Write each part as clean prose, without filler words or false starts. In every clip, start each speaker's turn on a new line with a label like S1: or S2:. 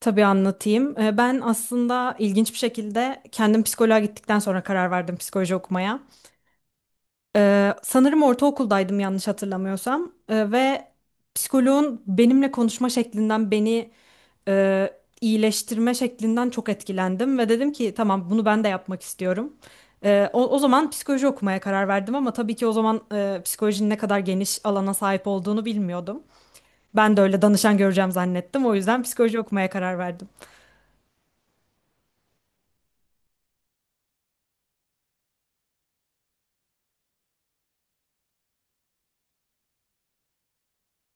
S1: Tabii anlatayım. Ben aslında ilginç bir şekilde kendim psikoloğa gittikten sonra karar verdim psikoloji okumaya. Sanırım ortaokuldaydım yanlış hatırlamıyorsam. Ve psikoloğun benimle konuşma şeklinden beni e, iyileştirme şeklinden çok etkilendim. Ve dedim ki tamam bunu ben de yapmak istiyorum. O zaman psikoloji okumaya karar verdim ama tabii ki o zaman psikolojinin ne kadar geniş alana sahip olduğunu bilmiyordum. Ben de öyle danışan göreceğim zannettim. O yüzden psikoloji okumaya karar verdim.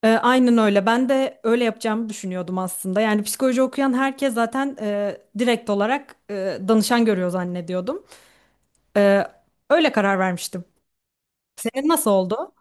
S1: Aynen öyle. Ben de öyle yapacağımı düşünüyordum aslında. Yani psikoloji okuyan herkes zaten direkt olarak danışan görüyor zannediyordum. E, Öyle karar vermiştim. Senin nasıl oldu?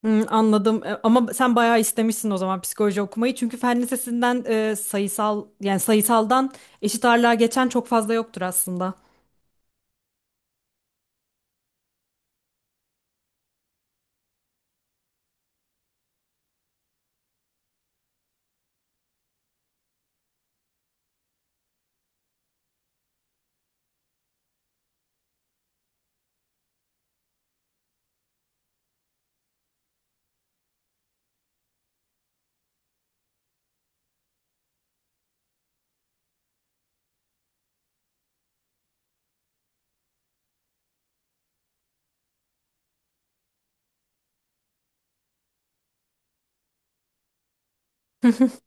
S1: Hmm, anladım. Ama sen bayağı istemişsin o zaman psikoloji okumayı. Çünkü fen lisesinden sayısal yani sayısaldan eşit ağırlığa geçen çok fazla yoktur aslında.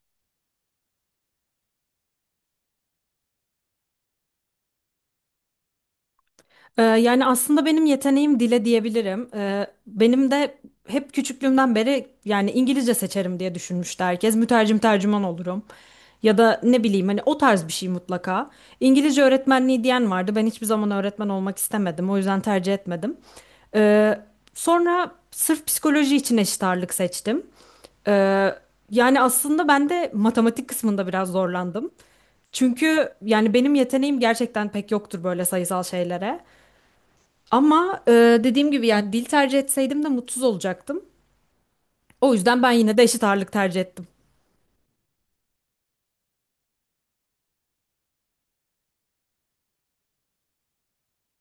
S1: Yani aslında benim yeteneğim dile diyebilirim. Benim de hep küçüklüğümden beri yani İngilizce seçerim diye düşünmüştü herkes. Mütercim tercüman olurum. Ya da ne bileyim hani o tarz bir şey mutlaka. İngilizce öğretmenliği diyen vardı. Ben hiçbir zaman öğretmen olmak istemedim. O yüzden tercih etmedim. Ee, Sonra sırf psikoloji için eşit ağırlık seçtim. Ee, Yani aslında ben de matematik kısmında biraz zorlandım. Çünkü yani benim yeteneğim gerçekten pek yoktur böyle sayısal şeylere. Ama dediğim gibi yani dil tercih etseydim de mutsuz olacaktım. O yüzden ben yine de eşit ağırlık tercih ettim.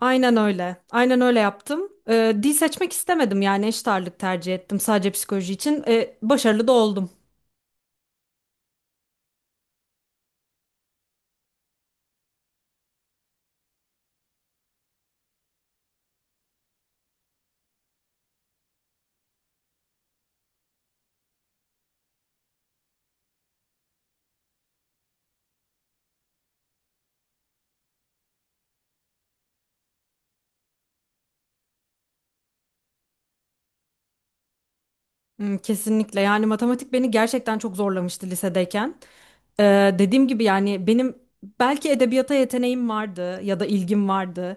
S1: Aynen öyle. Aynen öyle yaptım. Dil seçmek istemedim yani eşit ağırlık tercih ettim sadece psikoloji için. Başarılı da oldum. Hmm, kesinlikle yani matematik beni gerçekten çok zorlamıştı lisedeyken. E, Dediğim gibi yani benim belki edebiyata yeteneğim vardı ya da ilgim vardı.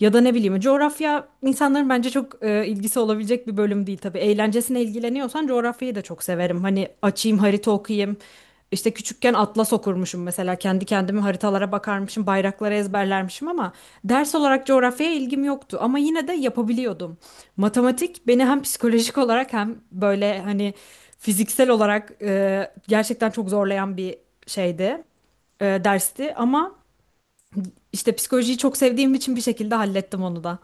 S1: Ya da ne bileyim coğrafya insanların bence çok ilgisi olabilecek bir bölüm değil tabii. Eğlencesine ilgileniyorsan coğrafyayı da çok severim. Hani açayım harita okuyayım. İşte küçükken atlas okurmuşum mesela kendi kendime haritalara bakarmışım, bayrakları ezberlermişim ama ders olarak coğrafyaya ilgim yoktu ama yine de yapabiliyordum. Matematik beni hem psikolojik olarak hem böyle hani fiziksel olarak gerçekten çok zorlayan bir şeydi, dersti ama işte psikolojiyi çok sevdiğim için bir şekilde hallettim onu da.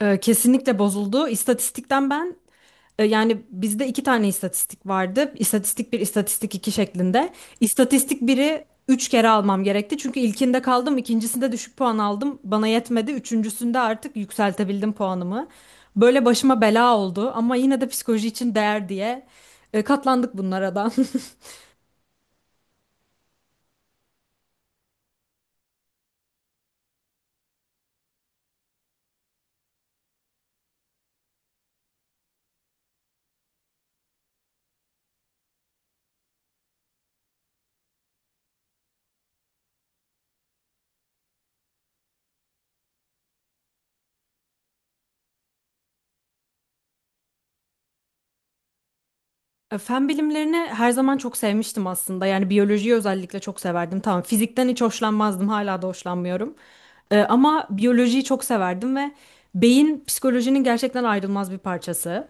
S1: Kesinlikle bozuldu. İstatistikten ben yani bizde 2 tane istatistik vardı. İstatistik bir, istatistik 2 şeklinde. İstatistik biri 3 kere almam gerekti. Çünkü ilkinde kaldım, ikincisinde düşük puan aldım. Bana yetmedi. Üçüncüsünde artık yükseltebildim puanımı. Böyle başıma bela oldu ama yine de psikoloji için değer diye katlandık bunlara da. Fen bilimlerini her zaman çok sevmiştim aslında. Yani biyolojiyi özellikle çok severdim. Tamam, fizikten hiç hoşlanmazdım, hala da hoşlanmıyorum. Ama biyolojiyi çok severdim ve beyin psikolojinin gerçekten ayrılmaz bir parçası.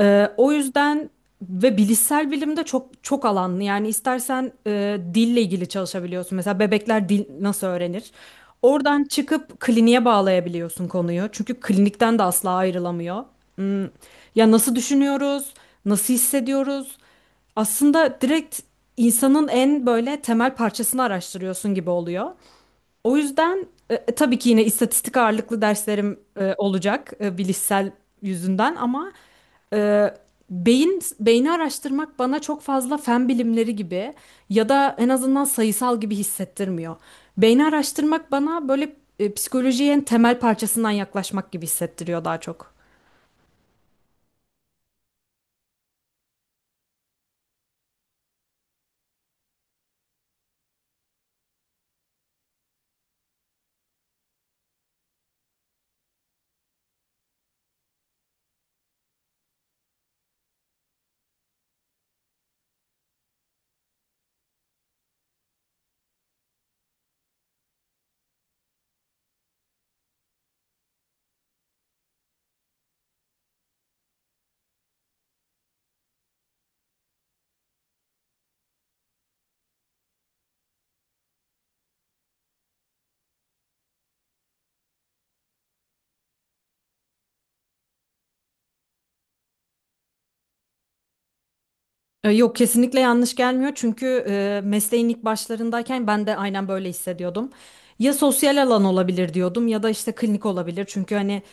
S1: O yüzden ve bilişsel bilimde çok çok alanlı. Yani istersen dille ilgili çalışabiliyorsun. Mesela bebekler dil nasıl öğrenir? Oradan çıkıp kliniğe bağlayabiliyorsun konuyu. Çünkü klinikten de asla ayrılamıyor. Hmm, ya nasıl düşünüyoruz? Nasıl hissediyoruz? Aslında direkt insanın en böyle temel parçasını araştırıyorsun gibi oluyor. O yüzden tabii ki yine istatistik ağırlıklı derslerim olacak bilişsel yüzünden ama e, beyin beyni araştırmak bana çok fazla fen bilimleri gibi ya da en azından sayısal gibi hissettirmiyor. Beyni araştırmak bana böyle psikolojiye en temel parçasından yaklaşmak gibi hissettiriyor daha çok. Yok kesinlikle yanlış gelmiyor çünkü mesleğin ilk başlarındayken ben de aynen böyle hissediyordum. Ya sosyal alan olabilir diyordum ya da işte klinik olabilir çünkü hani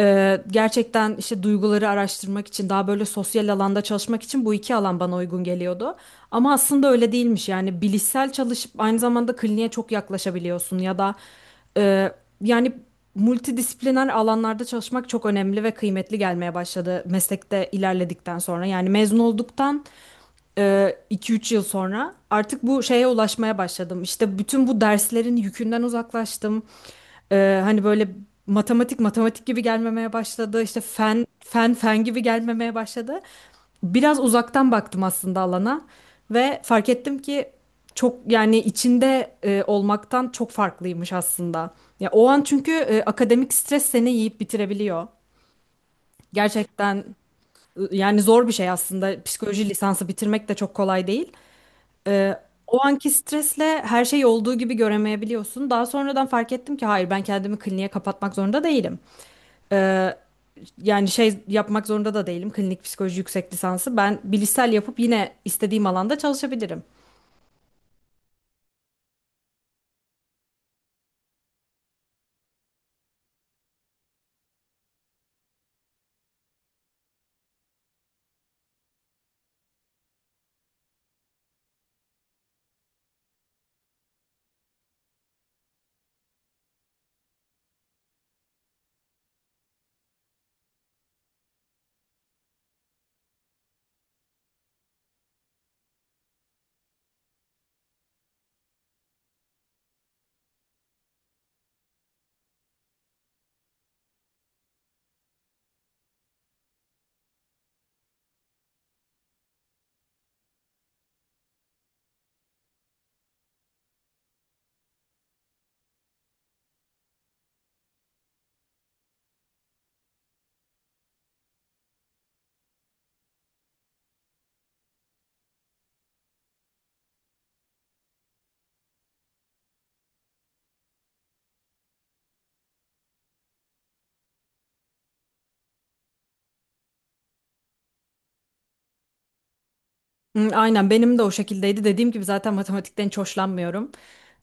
S1: gerçekten işte duyguları araştırmak için daha böyle sosyal alanda çalışmak için bu iki alan bana uygun geliyordu. Ama aslında öyle değilmiş yani bilişsel çalışıp aynı zamanda kliniğe çok yaklaşabiliyorsun ya da e, yani multidisipliner alanlarda çalışmak çok önemli ve kıymetli gelmeye başladı meslekte ilerledikten sonra yani mezun olduktan 2-3 yıl sonra artık bu şeye ulaşmaya başladım. İşte bütün bu derslerin yükünden uzaklaştım. Hani böyle matematik matematik gibi gelmemeye başladı. İşte fen fen fen gibi gelmemeye başladı. Biraz uzaktan baktım aslında alana ve fark ettim ki çok yani içinde olmaktan çok farklıymış aslında. Ya o an çünkü akademik stres seni yiyip bitirebiliyor. Gerçekten yani zor bir şey aslında. Psikoloji lisansı bitirmek de çok kolay değil. Ee, O anki stresle her şey olduğu gibi göremeyebiliyorsun. Daha sonradan fark ettim ki hayır ben kendimi kliniğe kapatmak zorunda değilim. Ee, Yani şey yapmak zorunda da değilim. Klinik psikoloji yüksek lisansı. Ben bilişsel yapıp yine istediğim alanda çalışabilirim. Hı, aynen benim de o şekildeydi. Dediğim gibi zaten matematikten hiç hoşlanmıyorum.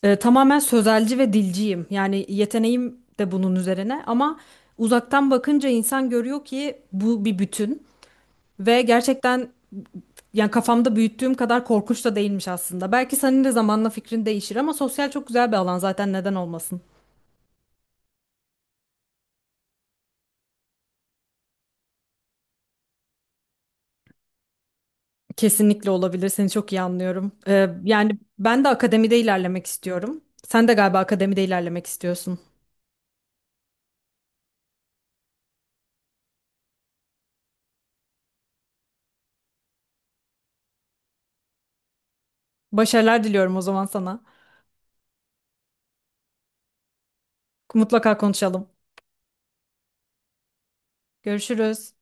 S1: Tamamen sözelci ve dilciyim. Yani yeteneğim de bunun üzerine ama uzaktan bakınca insan görüyor ki bu bir bütün. Ve gerçekten yani kafamda büyüttüğüm kadar korkunç da değilmiş aslında. Belki senin de zamanla fikrin değişir ama sosyal çok güzel bir alan zaten neden olmasın? Kesinlikle olabilir. Seni çok iyi anlıyorum. Yani ben de akademide ilerlemek istiyorum. Sen de galiba akademide ilerlemek istiyorsun. Başarılar diliyorum o zaman sana. Mutlaka konuşalım. Görüşürüz.